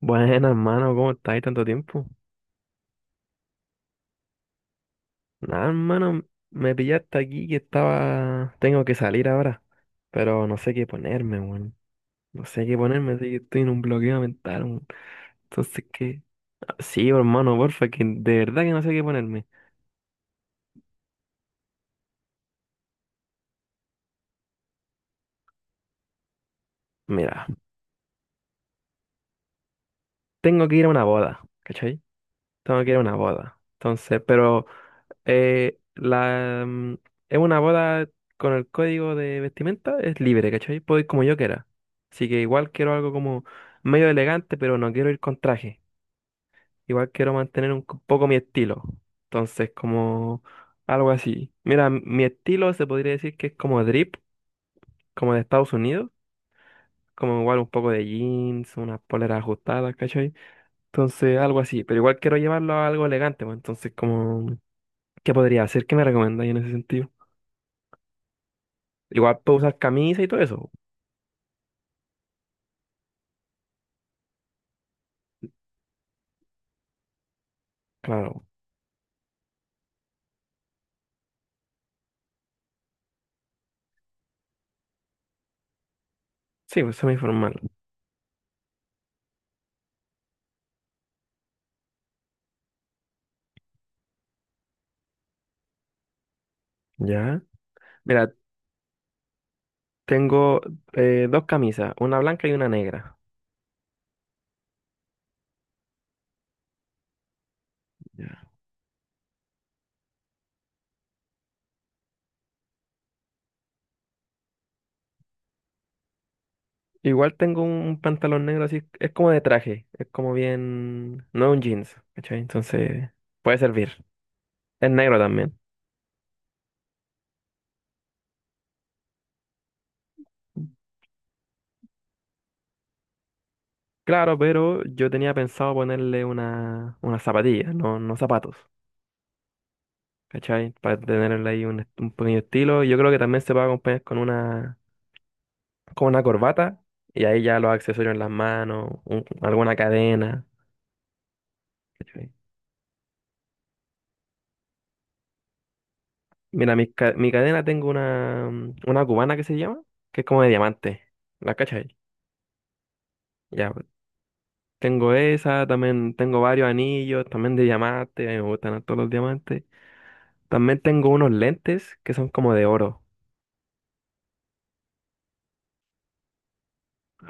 Buenas, hermano, ¿cómo estáis tanto tiempo? Nada, hermano, me pillaste aquí que estaba... Tengo que salir ahora, pero no sé qué ponerme, weón. No sé qué ponerme, así que estoy en un bloqueo mental, weón. Entonces, ¿qué? Sí, hermano, porfa, que de verdad que no sé qué ponerme. Mira, tengo que ir a una boda, ¿cachai? Tengo que ir a una boda. Entonces, pero... Eh, la, mm, es una boda con el código de vestimenta, es libre, ¿cachai? Puedo ir como yo quiera. Así que igual quiero algo como medio elegante, pero no quiero ir con traje. Igual quiero mantener un poco mi estilo. Entonces, como algo así. Mira, mi estilo se podría decir que es como drip, como de Estados Unidos. Como igual un poco de jeans, unas poleras ajustadas, ¿cachai? Entonces, algo así. Pero igual quiero llevarlo a algo elegante, pues. Entonces, como, ¿qué podría hacer? ¿Qué me recomendáis en ese sentido? Igual puedo usar camisa y todo eso. Claro. Sí, pues semi-formal. Ya. Mira, tengo dos camisas, una blanca y una negra. Ya. Igual tengo un pantalón negro así, es como de traje, es como bien, no es un jeans, ¿cachai? Entonces, puede servir. Es negro también. Claro, pero yo tenía pensado ponerle una zapatilla, no, no zapatos, ¿cachai? Para tenerle ahí un pequeño estilo. Yo creo que también se puede acompañar con con una corbata y ahí ya los accesorios en las manos, alguna cadena. ¿Cachai? Mira, mi cadena tengo una, una cubana que se llama, que es como de diamante. ¿La cachai? Ya, pues, tengo esa, también tengo varios anillos, también de diamante, a mí me gustan todos los diamantes. También tengo unos lentes que son como de oro.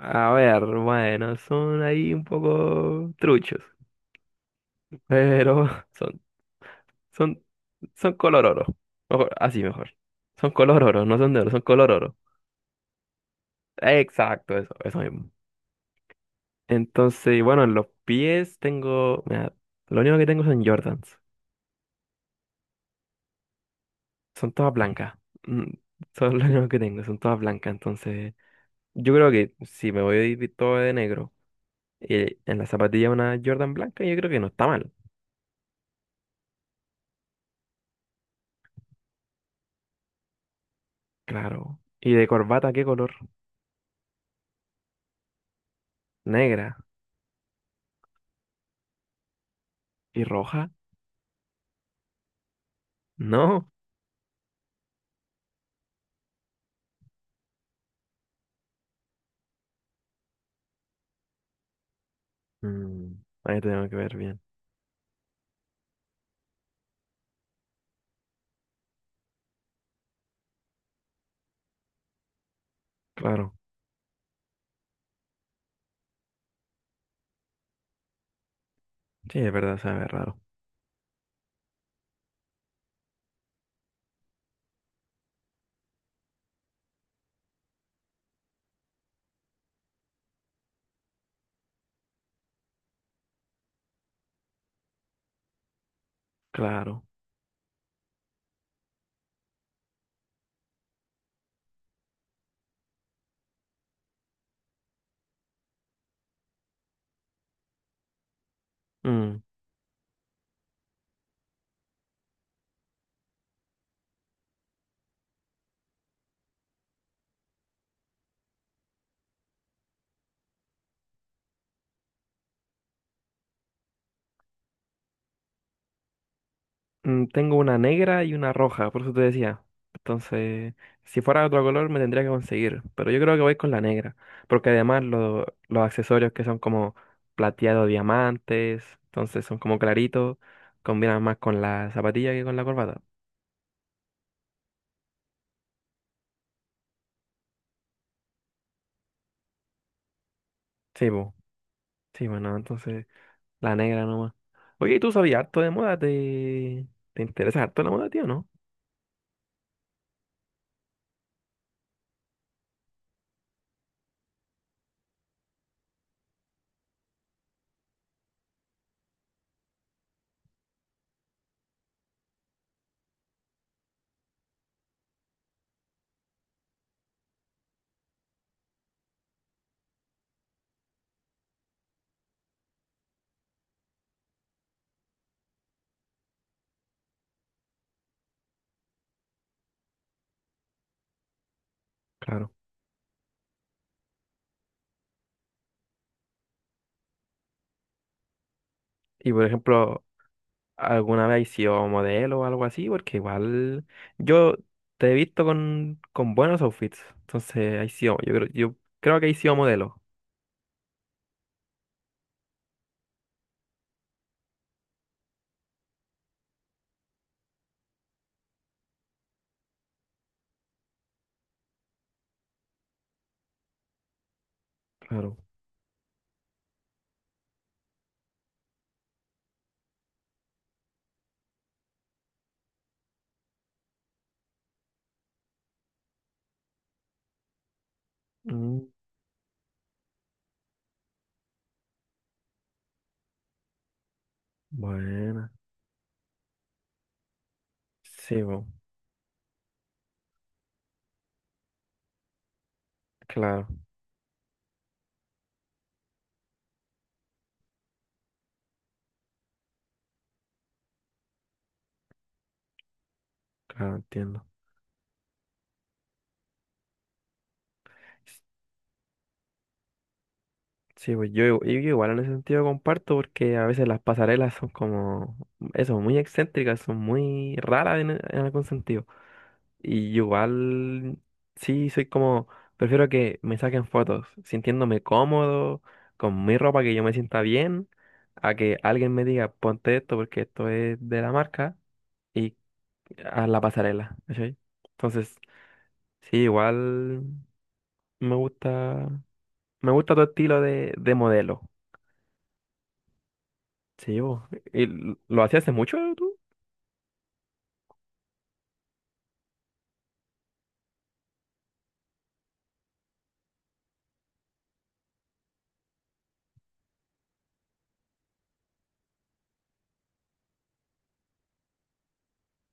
A ver, bueno, son ahí un poco truchos, pero son Son, son color oro. Mejor, así mejor. Son color oro, no son de oro, son color oro. Exacto, eso mismo. Entonces, bueno, en los pies tengo. Mira, lo único que tengo son Jordans. Son todas blancas. Mm, son lo único que tengo, son todas blancas. Entonces, yo creo que si me voy todo de negro, en la zapatilla una Jordan blanca, yo creo que no está mal. Claro. ¿Y de corbata qué color? ¿Negra? ¿Y roja? No. Mm, ahí tenemos que ver bien. Claro. Sí, es verdad, sabe raro. Claro. Mm. Mm, tengo una negra y una roja, por eso te decía. Entonces, si fuera de otro color me tendría que conseguir, pero yo creo que voy con la negra, porque además los accesorios que son como plateado diamantes, entonces son como claritos, combinan más con la zapatilla que con la corbata. Sí, bu. Sí, bueno, entonces la negra nomás. Oye, ¿y tú sabías harto de moda? ¿Te interesa harto la moda, tío, no? Claro. Y por ejemplo, alguna vez has sido modelo o algo así, porque igual yo te he visto con buenos outfits. Entonces, has sido, yo creo que has sido modelo. Claro. Mm, buena. Sí, bo. Claro, claro, entiendo. S- Sí, pues yo igual en ese sentido comparto porque a veces las pasarelas son como, eso, muy excéntricas, son muy raras en algún sentido. Y igual, sí, soy como, prefiero que me saquen fotos sintiéndome cómodo, con mi ropa, que yo me sienta bien, a que alguien me diga, ponte esto porque esto es de la marca y a la pasarela, ¿cachai? Entonces, sí, igual me gusta, me gusta tu estilo de modelo. Sí, vos. ¿Y lo hacías hace mucho tú?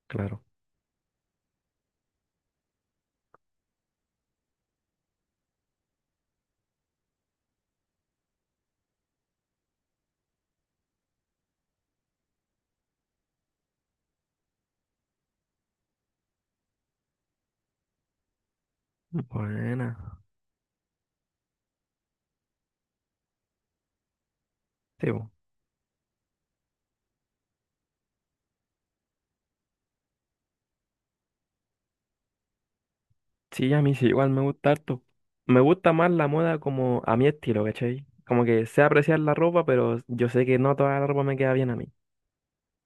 Claro. Buena. Sí, vos. Sí, a mí sí, igual me gusta harto. Me gusta más la moda como a mi estilo, ¿cachai? Como que sé apreciar la ropa, pero yo sé que no toda la ropa me queda bien a mí.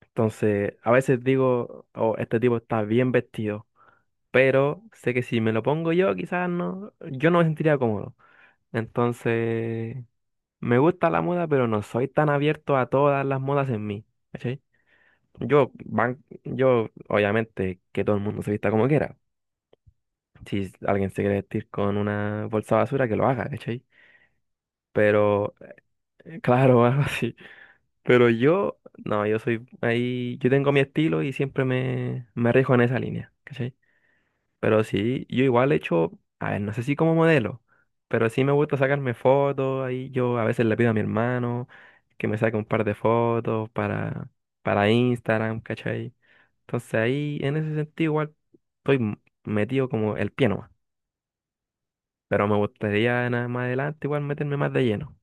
Entonces, a veces digo, oh, este tipo está bien vestido, pero sé que si me lo pongo yo, quizás no, yo no me sentiría cómodo. Entonces, me gusta la moda, pero no soy tan abierto a todas las modas en mí, ¿cachai? Yo, van, yo, obviamente, que todo el mundo se vista como quiera. Si alguien se quiere vestir con una bolsa de basura, que lo haga, ¿cachai? Pero, claro, algo así. Pero yo, no, yo soy ahí, yo tengo mi estilo y siempre me rijo en esa línea, ¿cachai? Pero sí, yo igual he hecho, a ver, no sé si como modelo, pero sí me gusta sacarme fotos, ahí yo a veces le pido a mi hermano que me saque un par de fotos para Instagram, ¿cachai? Entonces ahí, en ese sentido, igual estoy metido como el pie. Pero me gustaría más adelante igual meterme más de lleno.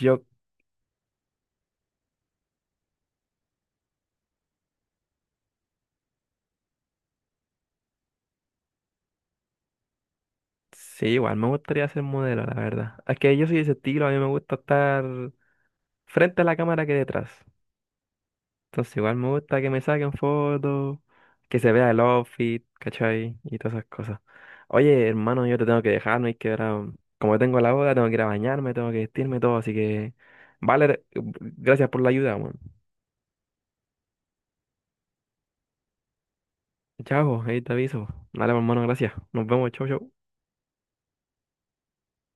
Yo, sí, igual me gustaría ser modelo, la verdad. Es que yo soy de ese estilo, a mí me gusta estar frente a la cámara que detrás. Entonces igual me gusta que me saquen fotos, que se vea el outfit, ¿cachai? Y todas esas cosas. Oye, hermano, yo te tengo que dejar, no hay que ahora, como tengo la boda, tengo que ir a bañarme, tengo que vestirme y todo, así que, vale, gracias por la ayuda, weón. Chao, ahí te aviso. Dale, hermano, gracias. Nos vemos, chau, chau.